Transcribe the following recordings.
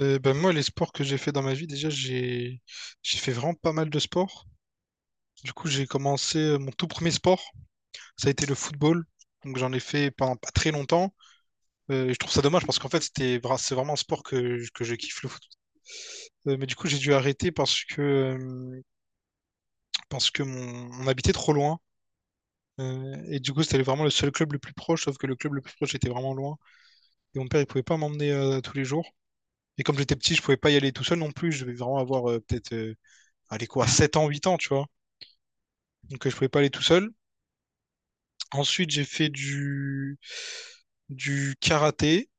Ben moi, les sports que j'ai fait dans ma vie, déjà, j'ai fait vraiment pas mal de sports. Du coup, j'ai commencé mon tout premier sport, ça a été le football. Donc, j'en ai fait pendant pas très longtemps. Et je trouve ça dommage parce qu'en fait, c'est vraiment un sport que je kiffe le foot. Mais du coup, j'ai dû arrêter parce que on habitait trop loin. Et du coup, c'était vraiment le seul club le plus proche, sauf que le club le plus proche était vraiment loin. Et mon père, il pouvait pas m'emmener tous les jours. Et comme j'étais petit, je pouvais pas y aller tout seul non plus. Je devais vraiment avoir peut-être, allez quoi, 7 ans, 8 ans, tu vois. Donc je pouvais pas aller tout seul. Ensuite, du karaté.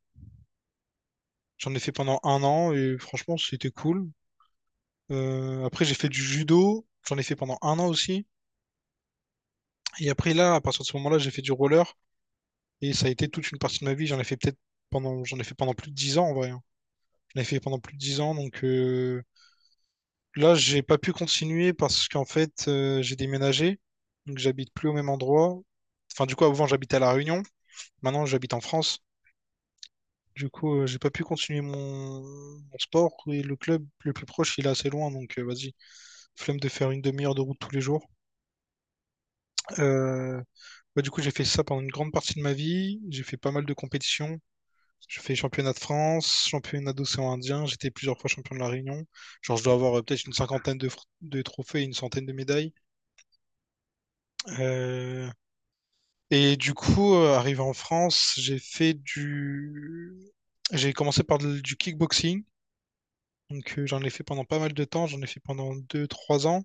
J'en ai fait pendant un an et franchement, c'était cool. Après, j'ai fait du judo. J'en ai fait pendant un an aussi. Et après, là, à partir de ce moment-là, j'ai fait du roller. Et ça a été toute une partie de ma vie. J'en ai fait pendant plus de 10 ans en vrai, hein. J'en ai fait pendant plus de 10 ans. Là, j'ai pas pu continuer parce qu'en fait, j'ai déménagé. Donc j'habite plus au même endroit. Enfin, du coup, avant, j'habitais à La Réunion. Maintenant, j'habite en France. Du coup, j'ai pas pu continuer mon sport et le club le plus proche, il est assez loin, donc vas-y, flemme de faire une demi-heure de route tous les jours. Euh, du coup, j'ai fait ça pendant une grande partie de ma vie. J'ai fait pas mal de compétitions. J'ai fait championnat de France, championnat d'océan Indien. J'étais plusieurs fois champion de la Réunion. Genre, je dois avoir peut-être une cinquantaine de trophées et une centaine de médailles. Euh, Et du coup, arrivé en France, j'ai commencé par du kickboxing. J'en ai fait pendant pas mal de temps, j'en ai fait pendant deux trois ans.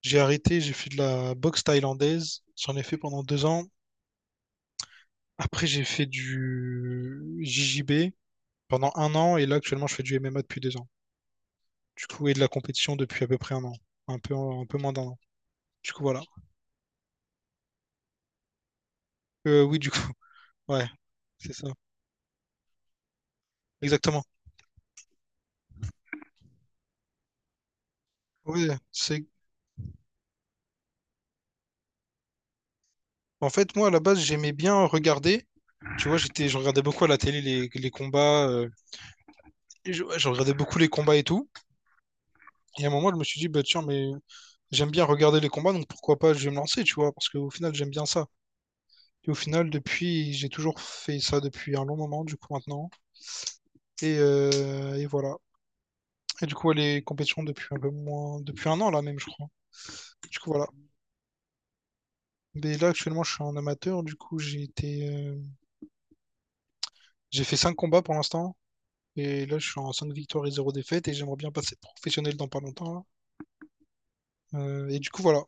J'ai arrêté, j'ai fait de la boxe thaïlandaise, j'en ai fait pendant 2 ans. Après j'ai fait du JJB pendant un an et là actuellement je fais du MMA depuis 2 ans. Du coup, et de la compétition depuis à peu près un an, un peu moins d'un an. Du coup, voilà. Oui, du coup, ouais, c'est ça. Exactement. Oui, c'est... En fait, moi, à la base, j'aimais bien regarder. Tu vois, je regardais beaucoup à la télé les combats. Et ouais, je regardais beaucoup les combats et tout. Et à un moment, je me suis dit, bah tiens, mais j'aime bien regarder les combats, donc pourquoi pas je vais me lancer, tu vois, parce qu'au final j'aime bien ça. Et au final, depuis, j'ai toujours fait ça depuis un long moment, du coup maintenant. Et voilà. Et du coup, ouais, les compétitions depuis un peu moins, depuis un an là même, je crois. Du coup voilà. Mais là actuellement, je suis un amateur, du coup j'ai fait 5 combats pour l'instant. Et là, je suis en 5 victoires et 0 défaites, et j'aimerais bien passer professionnel dans pas longtemps là. Et du coup voilà.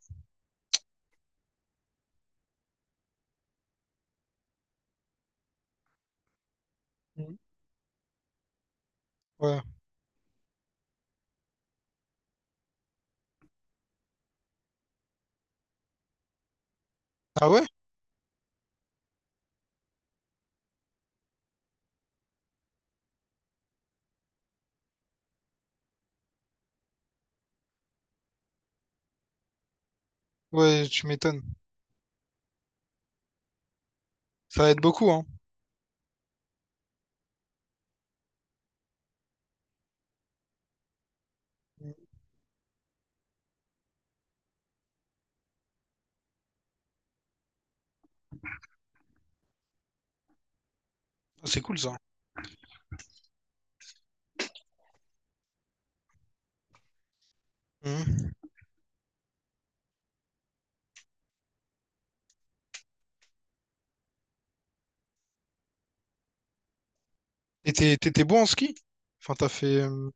Mhm. Ouais. Ah ouais? Ouais, tu m'étonnes. Ça aide beaucoup, hein. C'est cool ça. Mhm. Et t'étais bon en ski? Enfin, t'as fait.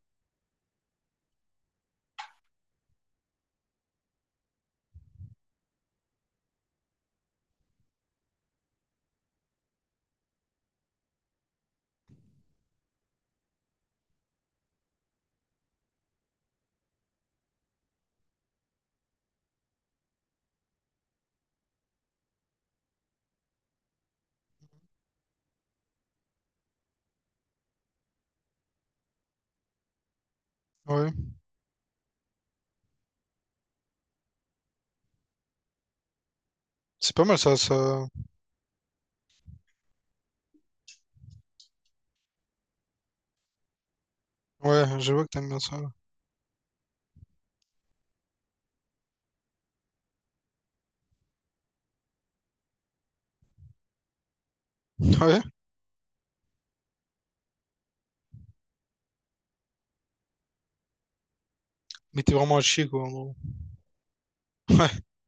Ouais, c'est pas mal ça, ça. Ouais, je vois que t'aimes bien ça. Ouais, mais t'es vraiment à chier quoi, en gros.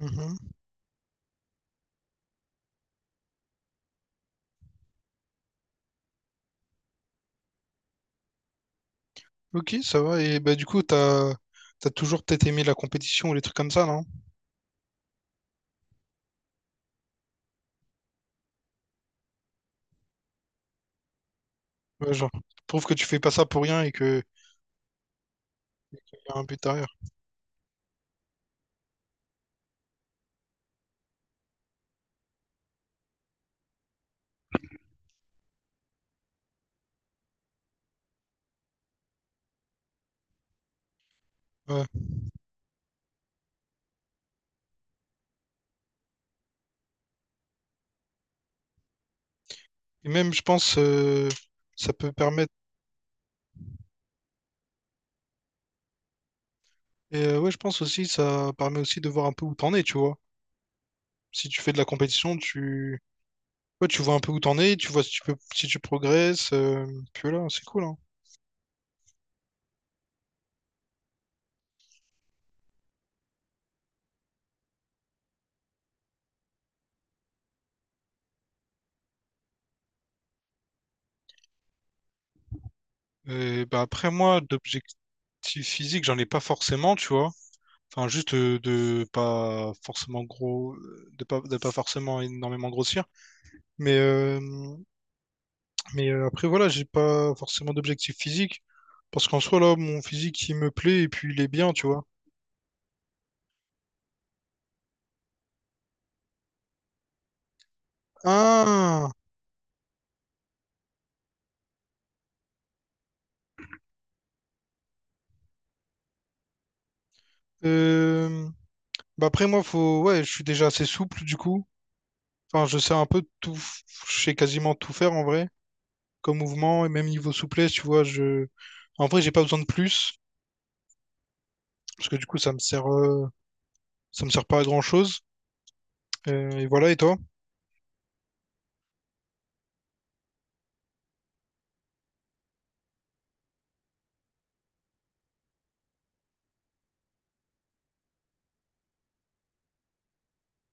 Ouais. Mhm. Ok, ça va. Et bah, du coup, t'as toujours peut-être aimé la compétition ou les trucs comme ça, non? Ouais, genre, je trouve que tu fais pas ça pour rien et que y a un but derrière. Ouais. Et même, je pense, ça peut permettre. Et ouais, je pense aussi, ça permet aussi de voir un peu où t'en es, tu vois. Si tu fais de la compétition, tu. Ouais, tu vois un peu où t'en es, tu vois si tu peux, si tu progresses, puis voilà, c'est cool, hein. Et bah après moi, d'objectifs physiques, j'en ai pas forcément, tu vois. Enfin, juste de pas forcément gros, de pas forcément énormément grossir. Mais, euh, mais après, voilà, j'ai pas forcément d'objectifs physiques. Parce qu'en soi, là, mon physique, il me plaît et puis il est bien, tu vois. Ah! Euh, Bah après, moi, ouais, je suis déjà assez souple, du coup. Enfin, je sais quasiment tout faire en vrai, comme mouvement et même niveau souplesse, tu vois. Je... En vrai, j'ai pas besoin de plus. Parce que du coup, ça me sert pas à grand chose. Et voilà, et toi?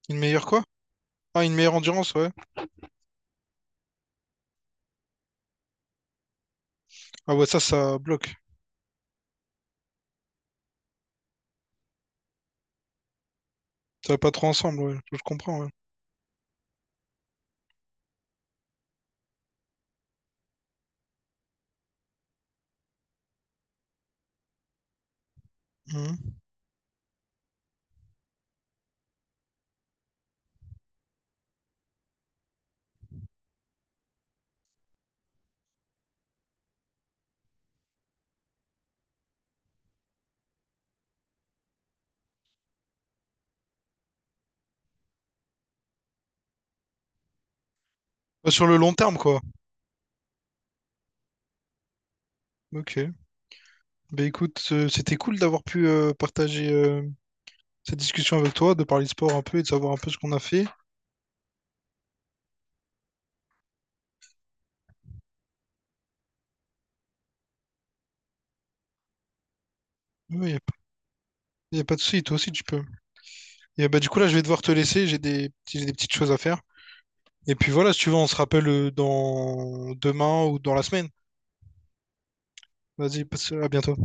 Une meilleure quoi? Ah, une meilleure endurance, ouais. Ah ouais, ça bloque. Ça va pas trop ensemble, ouais. Je comprends, ouais. Mhm. Bah, sur le long terme, quoi. Ok. Bah écoute, c'était cool d'avoir pu partager cette discussion avec toi, de parler de sport un peu et de savoir un peu ce qu'on a fait. Il y a, pas- Y a pas de souci, toi aussi tu peux. Et bah du coup là, je vais devoir te laisser, j'ai des petites choses à faire. Et puis voilà, si tu veux, on se rappelle dans demain ou dans la semaine. Vas-y, passe, à bientôt.